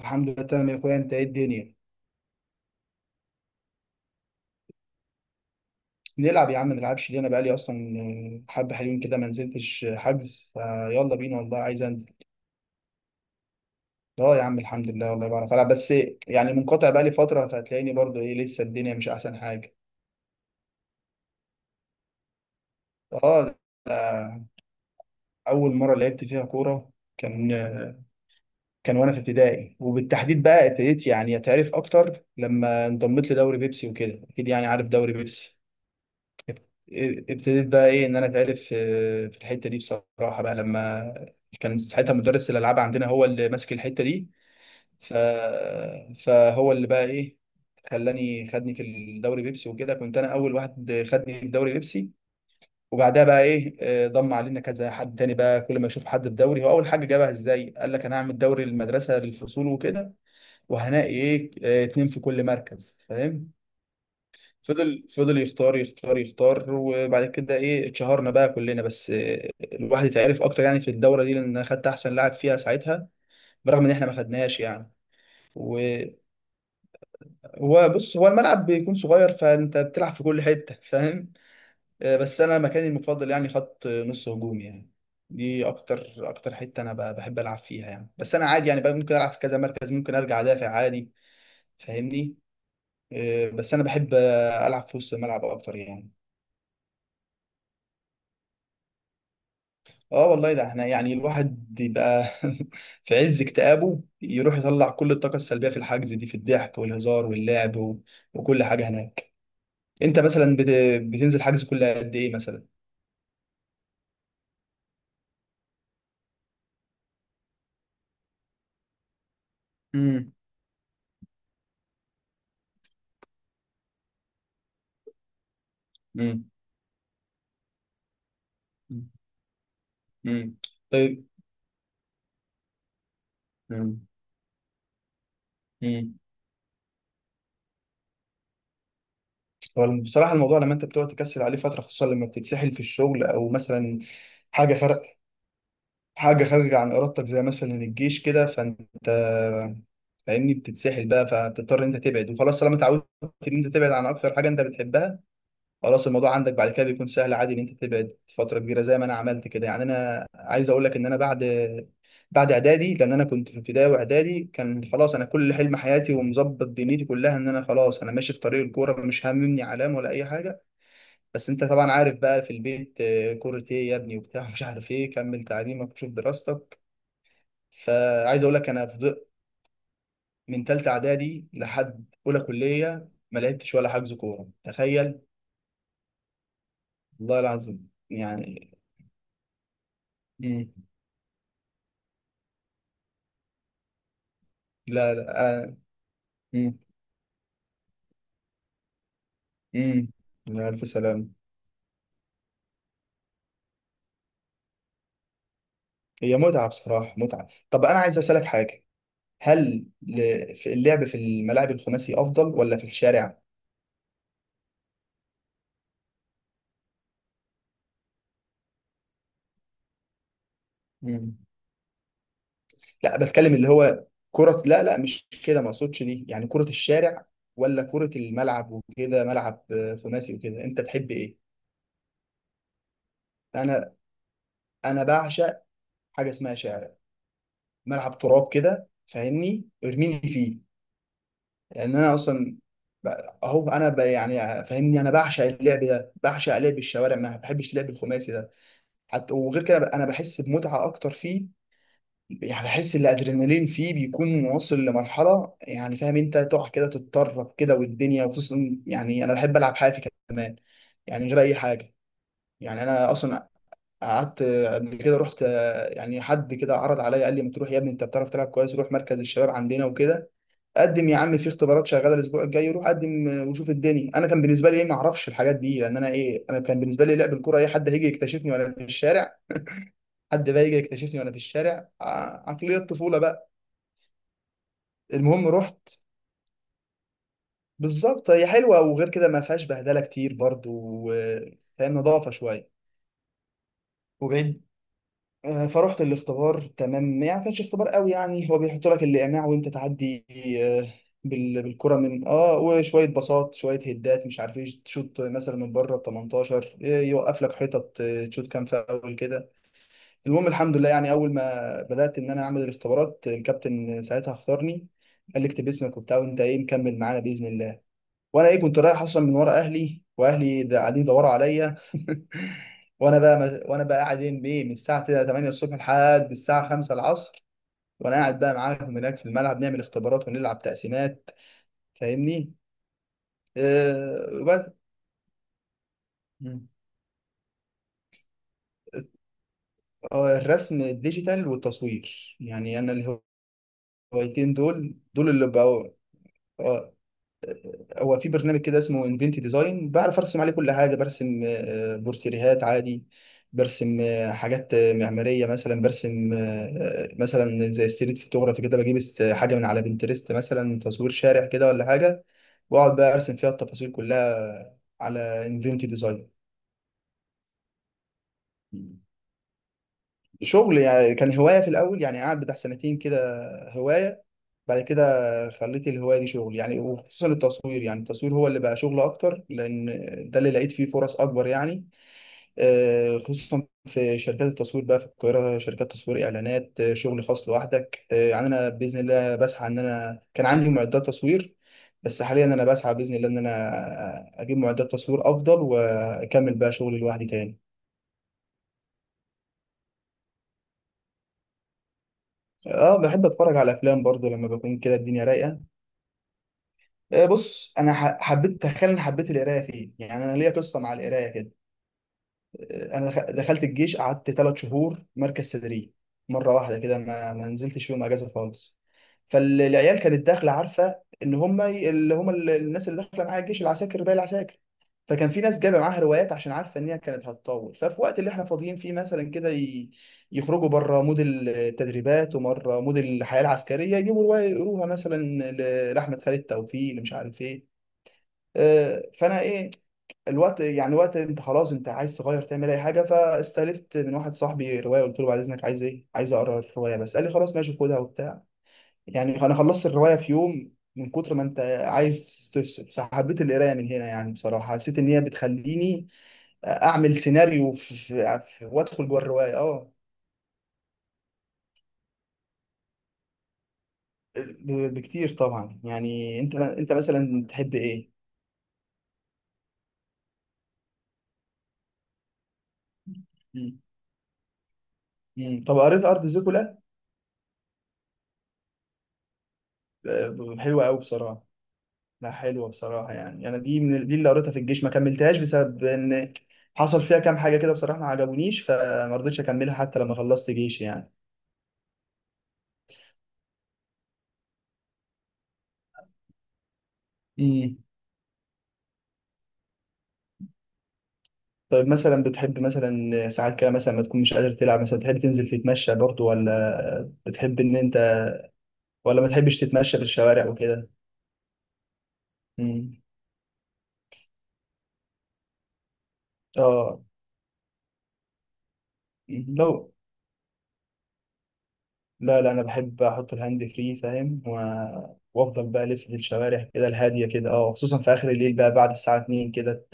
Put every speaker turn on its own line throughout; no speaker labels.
الحمد لله تمام يا اخويا، انت ايه الدنيا؟ نلعب يا عم، ما نلعبش ليه؟ انا بقالي اصلا حبه حلوين كده ما نزلتش. حجز فيلا بينا والله عايز انزل. اه يا عم، الحمد لله، والله بعرف العب. بس يعني منقطع بقالي فتره، فهتلاقيني برضو ايه لسه، الدنيا مش احسن حاجه. اه، ده اول مره لعبت فيها كوره كان كان وانا في ابتدائي، وبالتحديد بقى ابتديت يعني اتعرف اكتر لما انضميت لدوري بيبسي وكده. اكيد يعني عارف دوري بيبسي. ابتديت بقى ايه ان انا اتعرف في الحته دي بصراحه، بقى لما كان ساعتها مدرس الالعاب عندنا هو اللي ماسك الحته دي. ف... فهو اللي بقى ايه، خلاني، خدني في الدوري بيبسي وكده، كنت انا اول واحد خدني في الدوري بيبسي. وبعدها بقى ايه ضم علينا كذا حد تاني. بقى كل ما يشوف حد في دوري، هو اول حاجه جابها ازاي، قال لك انا هعمل دوري المدرسه للفصول وكده، وهنلاقي ايه اتنين في كل مركز، فاهم؟ فضل فضل يختار يختار يختار، وبعد كده ايه اتشهرنا بقى كلنا. بس الواحد اتعرف اكتر يعني في الدوره دي، لان أنا خدت احسن لاعب فيها ساعتها، برغم ان احنا ما خدناهاش يعني. وهو، بص، هو الملعب بيكون صغير، فانت بتلعب في كل حته، فاهم؟ بس انا مكاني المفضل يعني خط نص هجوم يعني. دي اكتر اكتر حته انا بحب العب فيها يعني. بس انا عادي يعني بقى، ممكن العب في كذا مركز، ممكن ارجع ادافع عادي، فاهمني؟ بس انا بحب العب في وسط الملعب اكتر يعني. اه والله، ده احنا يعني الواحد يبقى في عز اكتئابه يروح يطلع كل الطاقة السلبية في الحجز دي، في الضحك والهزار واللعب وكل حاجة هناك. انت مثلا بتنزل حجز كل قد ايه مثلا؟ امم، امم، امم، طيب، امم، امم. هو بصراحة الموضوع لما انت بتقعد تكسل عليه فترة، خصوصا لما بتتسحل في الشغل، او مثلا حاجة خارجة حاجة خارجة عن إرادتك زي مثلا الجيش كده، فأنت فاهمني، بتتسحل بقى، فتضطر إن أنت تبعد، وخلاص طالما اتعودت إن أنت تبعد عن أكتر حاجة أنت بتحبها، خلاص الموضوع عندك بعد كده بيكون سهل عادي إن أنت تبعد فترة كبيرة. زي ما أنا عملت كده يعني، أنا عايز أقول لك إن أنا بعد إعدادي، لأن أنا كنت في ابتدائي وإعدادي كان خلاص أنا كل حلم حياتي ومظبط دنيتي كلها إن أنا خلاص أنا ماشي في طريق الكورة، مش هاممني علام ولا أي حاجة. بس أنت طبعا عارف بقى في البيت كورة إيه يا ابني وبتاع، مش عارف إيه، كمل تعليمك وشوف دراستك. فعايز اقول لك انا فضلت من ثالثه اعدادي لحد اولى كليه ما لعبتش ولا حجز كوره، تخيل. والله العظيم يعني. مم. لا لا. آه. مم. مم. يا الف سلام. هي متعه بصراحه، متعه. طب انا عايز اسالك حاجه، هل في اللعب في الملاعب الخماسي افضل ولا في الشارع؟ مم. لا، بتكلم اللي هو كره. لا لا، مش كده، ما اقصدش دي، يعني كره الشارع ولا كره الملعب وكده ملعب خماسي وكده، انت تحب ايه؟ انا انا بعشق حاجه اسمها شارع، ملعب تراب كده، فاهمني؟ ارميني فيه. لان انا اصلا ب- يعني فاهمني انا بعشق اللعب ده، بعشق لعب الشوارع، ما بحبش اللعب الخماسي ده. حتى وغير كده، انا بحس بمتعه اكتر فيه. يعني بحس ان الادرينالين فيه بيكون واصل لمرحله يعني، فاهم؟ انت تقع كده، تتطرب كده، والدنيا، وخصوصا يعني انا بحب العب حافي كمان، يعني غير اي حاجه. يعني انا اصلا قعدت قبل كده، رحت، يعني حد كده عرض عليا، قال لي ما تروح يا ابني، انت بتعرف تلعب كويس، روح مركز الشباب عندنا وكده، قدم يا عم، في اختبارات شغاله الاسبوع الجاي، روح قدم وشوف الدنيا. انا كان بالنسبه لي ايه، ما اعرفش الحاجات دي، لان انا ايه، انا كان بالنسبه لي لعب الكوره ايه، حد هيجي يكتشفني وانا في الشارع؟ حد بقى يجي يكتشفني وانا في الشارع، عقليه الطفوله بقى. المهم رحت، بالظبط، هي حلوه، وغير كده ما فيهاش بهدله كتير برضو، و- فاهم، نظافه شويه وبعيد. فرحت الاختبار تمام يعني، ما كانش اختبار قوي يعني، هو بيحط لك الايماع وانت تعدي آه، بالكره، من اه وشويه باصات، شويه هدات، مش عارف ايه، تشوط مثلا من بره ال 18، يوقف لك حتت تشوط كام فاول كده. المهم الحمد لله، يعني اول ما بدات ان انا اعمل الاختبارات الكابتن ساعتها اختارني، قال لي اكتب اسمك وبتاع، وانت ايه مكمل معانا باذن الله. وانا ايه، كنت رايح اصلا من ورا اهلي، واهلي ده قاعدين يدوروا عليا وانا بقى ما... وانا بقى قاعد إيه بإيه؟ من الساعه 8 الصبح لحد الساعه 5 العصر، وانا قاعد بقى معاهم هناك في الملعب نعمل اختبارات ونلعب تقسيمات، فاهمني؟ وبس. مم. الرسم الديجيتال والتصوير يعني، انا الهوايتين دول اللي بقوا. آه، هو في برنامج كده اسمه انفنتي ديزاين، بعرف ارسم عليه كل حاجه، برسم بورتريهات عادي، برسم آه، حاجات آه، معماريه مثلا، برسم مثلا زي ستريت فوتوغرافي كده، بجيب حاجه من على بنترست مثلا، تصوير شارع كده ولا حاجه، واقعد بقى ارسم فيها التفاصيل كلها على انفنتي ديزاين. شغل يعني، كان هوايه في الاول يعني، قعد بتاع سنتين كده هوايه، بعد كده خليت الهواية دي شغل يعني، وخصوصا التصوير يعني، التصوير هو اللي بقى شغل أكتر، لأن ده اللي لقيت فيه فرص أكبر يعني. خصوصا في شركات التصوير بقى في القاهرة، شركات تصوير إعلانات، شغل خاص لوحدك. يعني أنا بإذن الله بسعى إن أنا كان عندي معدات تصوير، بس حاليا أنا بسعى بإذن الله إن أنا أجيب معدات تصوير أفضل، وأكمل بقى شغلي لوحدي تاني. أه، بحب أتفرج على أفلام برضو لما بكون كده الدنيا رايقة. بص انا حبيت، تخيل اني حبيت القرايه فين؟ يعني انا ليا قصه مع القرايه كده. انا دخلت الجيش، قعدت ثلاث شهور مركز تدريب، مره واحده كده، ما نزلتش فيهم اجازه خالص. فالعيال كانت داخله عارفه ان هم الناس اللي داخله معايا الجيش، العساكر، باقي العساكر، فكان في ناس جايبه معاها روايات عشان عارفه ان هي كانت هتطول. ففي وقت اللي احنا فاضيين فيه مثلا كده، يخرجوا بره مود التدريبات ومره مود الحياه العسكريه، يجيبوا روايه يقروها مثلا، لاحمد خالد توفيق اللي مش عارف ايه. آه، فانا ايه الوقت يعني، وقت انت خلاص انت عايز تغير، تعمل اي حاجه، فاستلفت من واحد صاحبي روايه، قلت له بعد اذنك عايز ايه، عايز اقرا الروايه بس، قال لي خلاص ماشي خدها وبتاع. يعني انا خلصت الروايه في يوم، من كتر ما انت عايز تفصل، فحبيت القرايه من هنا يعني. بصراحه حسيت ان هي بتخليني اعمل سيناريو في وادخل جوه الروايه. اه، بكتير طبعا يعني. انت انت مثلا تحب ايه؟ مم. مم. طب قريت ارض زيكولا؟ حلوه قوي بصراحه. لا حلوة بصراحة، يعني أنا دي من دي اللي قريتها في الجيش ما كملتهاش، بسبب إن حصل فيها كام حاجة كده بصراحة ما عجبونيش، فما رضيتش أكملها حتى لما خلصت جيش يعني. امم. طيب مثلا بتحب مثلا ساعات كده، مثلا ما تكون مش قادر تلعب مثلا، تحب تنزل تتمشى برضو ولا بتحب إن أنت، ولا ما تحبش تتمشى في الشوارع وكده؟ امم. آه، لو لا لا أنا بحب أحط الهاند فري فاهم، وأفضل بقى ألف في الشوارع كده الهادية كده، آه خصوصا في آخر الليل بقى، بعد الساعة 2 كده،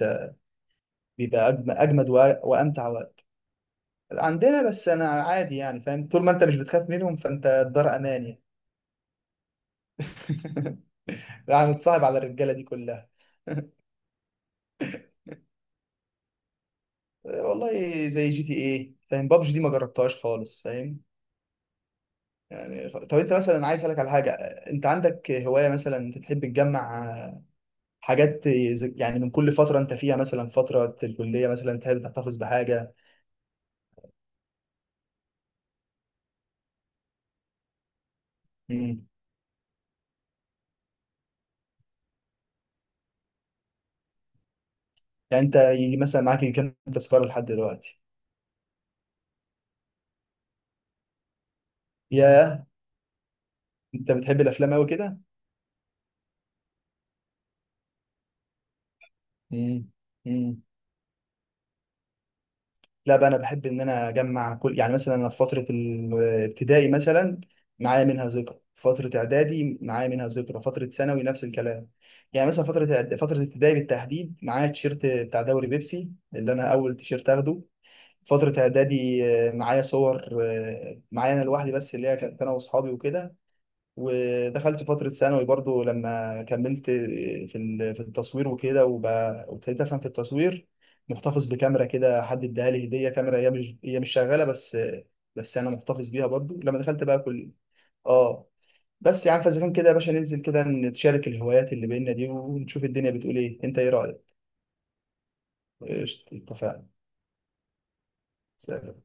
بيبقى اجمد وامتع وقت. عندنا، بس انا عادي يعني فاهم، طول ما انت مش بتخاف منهم فانت الدار امان يعني. يعني اتصاحب على الرجاله دي كلها. والله زي جي تي ايه فاهم، بابجي دي ما جربتهاش خالص، فاهم؟ يعني طب انت مثلا، عايز اسالك على حاجه، انت عندك هوايه مثلا، انت تحب تجمع يعني من كل فتره انت فيها، مثلا فتره الكليه مثلا، تحب تحتفظ بحاجه؟ مم. يعني انت يجي مثلا معاك كام تذكره لحد دلوقتي؟ ياه، انت بتحب الافلام قوي كده. مم. مم. لا بقى انا بحب ان انا اجمع كل، يعني مثلا انا في فتره الابتدائي مثلا معايا منها ذكرى، فتره اعدادي معايا منها ذكرى، فتره ثانوي نفس الكلام. يعني مثلا فتره فتره ابتدائي بالتحديد معايا التيشيرت بتاع دوري بيبسي، اللي انا اول تيشيرت اخده. فتره اعدادي معايا صور معايا انا لوحدي بس، اللي هي كانت انا واصحابي وكده. ودخلت فترة ثانوي برضو لما كملت في في التصوير وكده، وابتديت أفهم في التصوير، محتفظ بكاميرا كده، حد اداها لي هدية، كاميرا هي مش شغالة، بس بس أنا محتفظ بيها برضو. لما دخلت بقى كل، آه، بس يا عم، فإذا كان كده يا باشا ننزل كده نتشارك الهوايات اللي بينا دي، ونشوف الدنيا بتقول إيه، أنت إيه رأيك؟ قشطة اتفقنا. سلام.